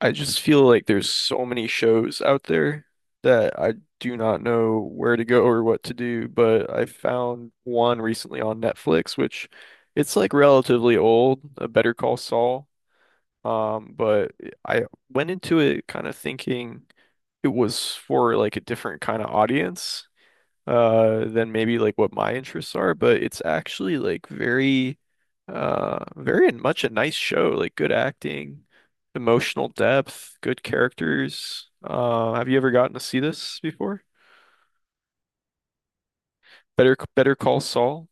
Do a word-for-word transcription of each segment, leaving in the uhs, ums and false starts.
I just feel like there's so many shows out there that I do not know where to go or what to do, but I found one recently on Netflix, which it's like relatively old, a Better Call Saul. Um, but I went into it kind of thinking it was for like a different kind of audience, uh than maybe like what my interests are, but it's actually like very uh very much a nice show, like good acting, emotional depth, good characters. Uh, have you ever gotten to see this before? Better Better Call Saul.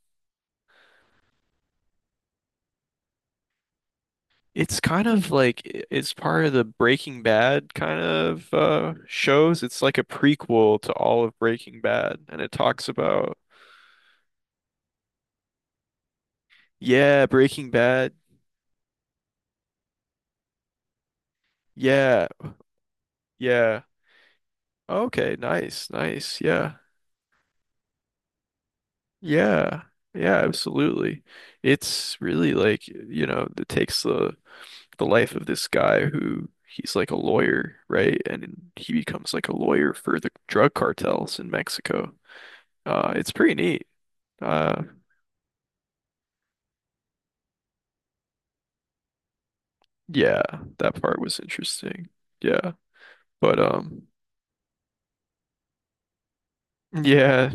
It's kind of like i- it's part of the Breaking Bad kind of uh shows. It's like a prequel to all of Breaking Bad and it talks about yeah, Breaking Bad. Yeah. Yeah. Okay, nice, nice. Yeah. Yeah. Yeah, absolutely. It's really like, you know, it takes the the life of this guy who he's like a lawyer, right? And he becomes like a lawyer for the drug cartels in Mexico. Uh, it's pretty neat. Uh, yeah, that part was interesting. Yeah. But um yeah,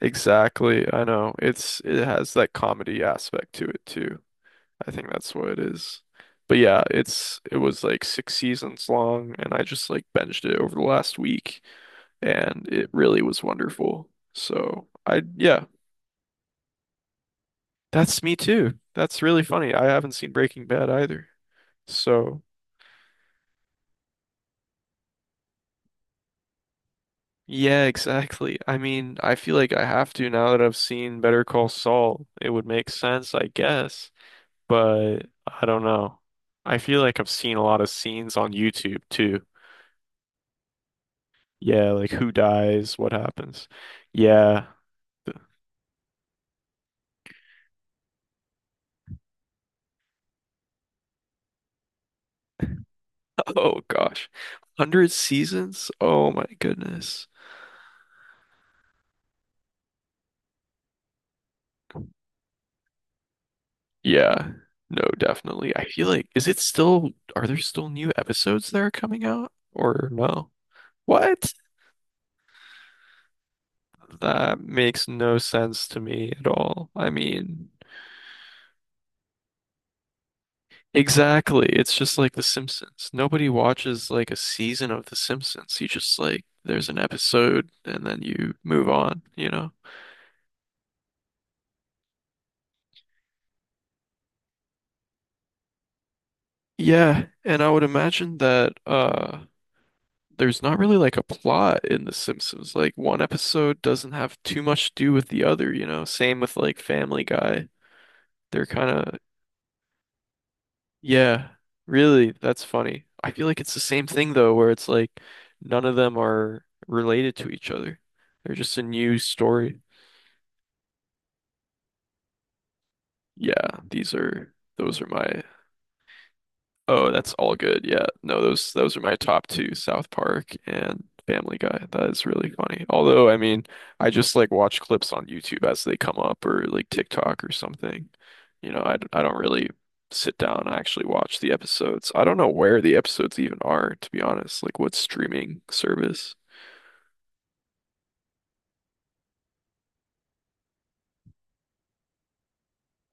exactly. I know. It's it has that comedy aspect to it too. I think that's what it is. But yeah, it's it was like six seasons long, and I just like binged it over the last week, and it really was wonderful. So I yeah, that's me too. That's really funny. I haven't seen Breaking Bad either. So yeah, exactly. I mean, I feel like I have to now that I've seen Better Call Saul. It would make sense, I guess, but I don't know. I feel like I've seen a lot of scenes on YouTube too. Yeah, like who dies, what happens. Yeah. Oh gosh. a hundred seasons? Oh my goodness. Yeah. No, definitely. I feel like is it still are there still new episodes that are coming out or no? What? That makes no sense to me at all. I mean, exactly. It's just like The Simpsons. Nobody watches like a season of The Simpsons. You just like there's an episode and then you move on, you know? Yeah, and I would imagine that uh there's not really like a plot in The Simpsons. Like one episode doesn't have too much to do with the other, you know. Same with like Family Guy. They're kind of yeah, really, that's funny. I feel like it's the same thing though, where it's like none of them are related to each other. They're just a new story. Yeah, these are those are my oh, that's all good. Yeah. No, those those are my top two, South Park and Family Guy. That is really funny. Although, I mean, I just like watch clips on YouTube as they come up or like TikTok or something. You know, I, d- I don't really sit down and actually watch the episodes. I don't know where the episodes even are, to be honest. Like what streaming service?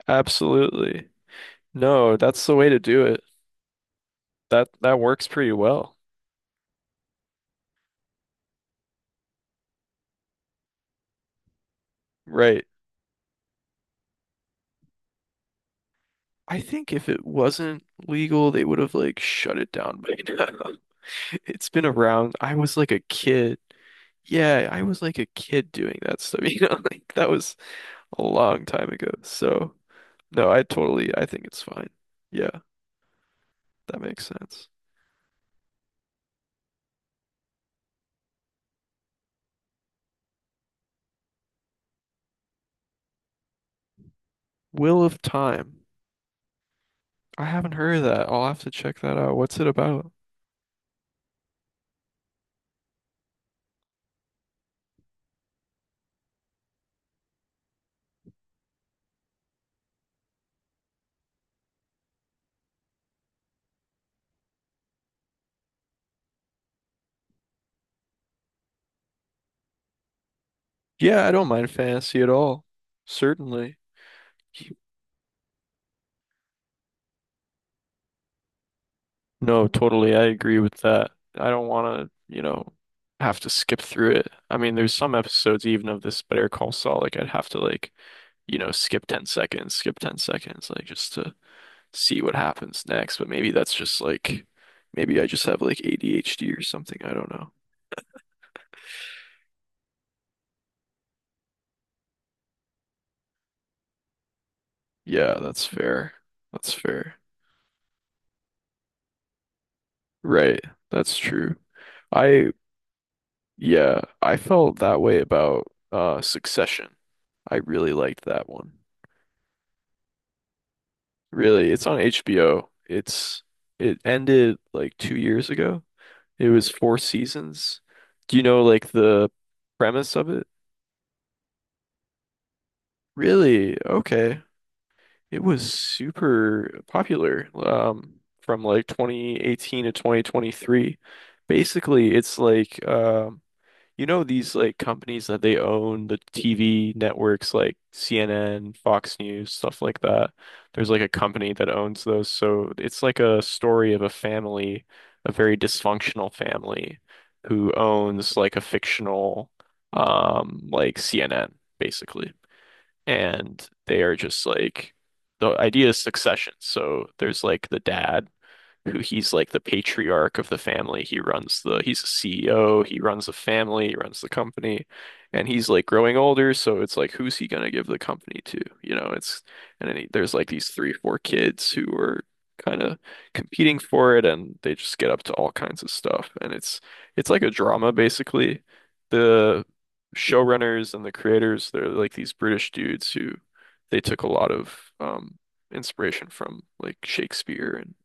Absolutely. No, that's the way to do it. That that works pretty well. Right. I think if it wasn't legal, they would have like shut it down by now. It's been around. I was like a kid. Yeah, I was like a kid doing that stuff, you know, like that was a long time ago. So, no, I totally, I think it's fine. Yeah, that makes sense. Wheel of Time. I haven't heard of that. I'll have to check that out. What's it about? Yeah, I don't mind fantasy at all. Certainly. No, totally. I agree with that. I don't want to, you know, have to skip through it. I mean, there's some episodes even of this Better Call Saul, like I'd have to like, you know, skip ten seconds, skip ten seconds, like just to see what happens next, but maybe that's just like maybe I just have like A D H D or something. I don't know. Yeah, that's fair. That's fair. Right. That's true. I yeah, I felt that way about uh Succession. I really liked that one. Really, it's on H B O. It's it ended like two years ago. It was four seasons. Do you know like the premise of it? Really? Okay. It was super popular um, from like twenty eighteen to twenty twenty-three. Basically, it's like um, you know these like companies that they own the T V networks like C N N, Fox News, stuff like that. There's like a company that owns those. So it's like a story of a family, a very dysfunctional family who owns like a fictional um like C N N, basically and they are just like the idea is succession. So there's like the dad who he's like the patriarch of the family. He runs the, he's a C E O, he runs the family, he runs the company, and he's like growing older, so it's like who's he gonna give the company to? You know, it's and then he, there's like these three, four kids who are kind of competing for it and they just get up to all kinds of stuff. And it's it's like a drama basically. The showrunners and the creators, they're like these British dudes who they took a lot of um inspiration from like Shakespeare and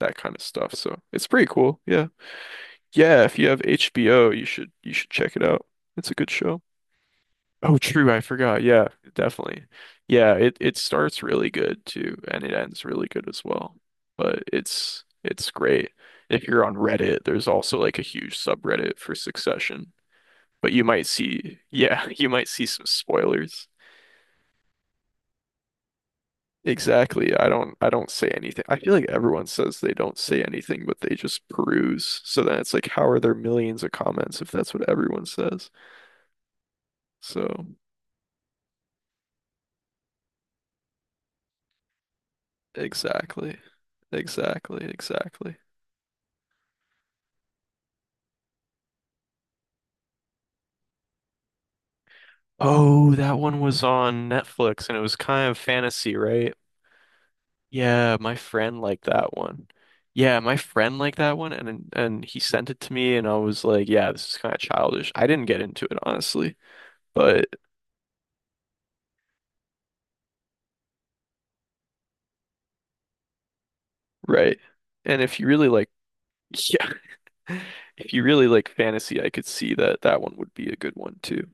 that kind of stuff. So it's pretty cool. Yeah. Yeah, if you have H B O, you should you should check it out. It's a good show. Oh, true, I forgot. Yeah, definitely. Yeah, it it starts really good too, and it ends really good as well. But it's it's great. If you're on Reddit, there's also like a huge subreddit for Succession. But you might see, yeah, you might see some spoilers. Exactly. I don't I don't say anything. I feel like everyone says they don't say anything, but they just peruse. So then it's like, how are there millions of comments if that's what everyone says? So exactly. Exactly. Exactly. Oh, that one was on Netflix and it was kind of fantasy, right? Yeah, my friend liked that one. Yeah, my friend liked that one and and he sent it to me and I was like, yeah, this is kind of childish. I didn't get into it honestly, but right. And if you really like yeah. If you really like fantasy, I could see that that one would be a good one too,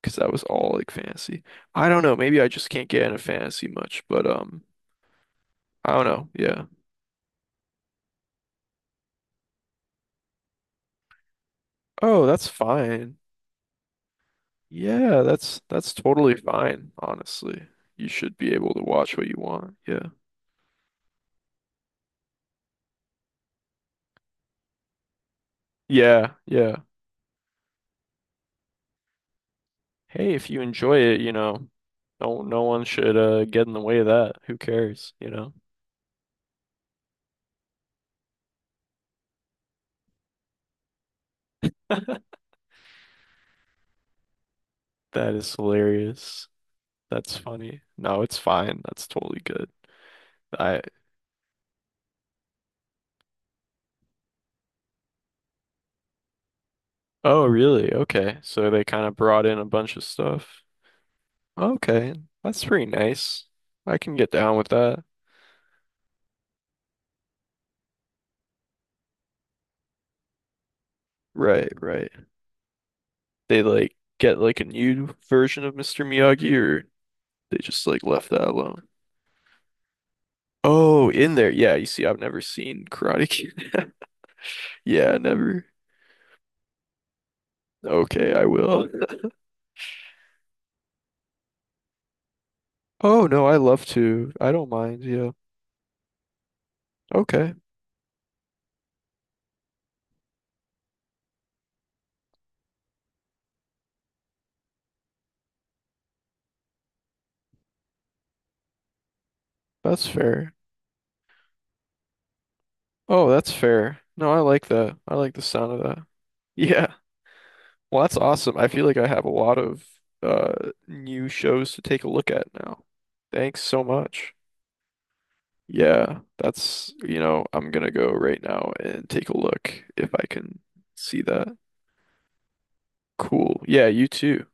because that was all like fantasy. I don't know, maybe I just can't get into fantasy much, but um, I don't know. Yeah. Oh, that's fine. Yeah, that's that's totally fine, honestly. You should be able to watch what you want. Yeah. Yeah, yeah. Hey, if you enjoy it, you know, no no one should uh get in the way of that. Who cares, you know? That is hilarious. That's funny. No, it's fine. That's totally good. I oh, really? Okay. So they kind of brought in a bunch of stuff. Okay. That's pretty nice. I can get down with that. Right, right. They like get like a new version of mister Miyagi or they just like left that alone. Oh, in there. Yeah, you see, I've never seen Karate Kid. Yeah, never. Okay, I will. Oh, no, I love to. I don't mind. Yeah. Okay. That's fair. Oh, that's fair. No, I like that. I like the sound of that. Yeah. Well, that's awesome. I feel like I have a lot of uh new shows to take a look at now. Thanks so much. Yeah, that's, you know, I'm gonna go right now and take a look if I can see that. Cool. Yeah, you too.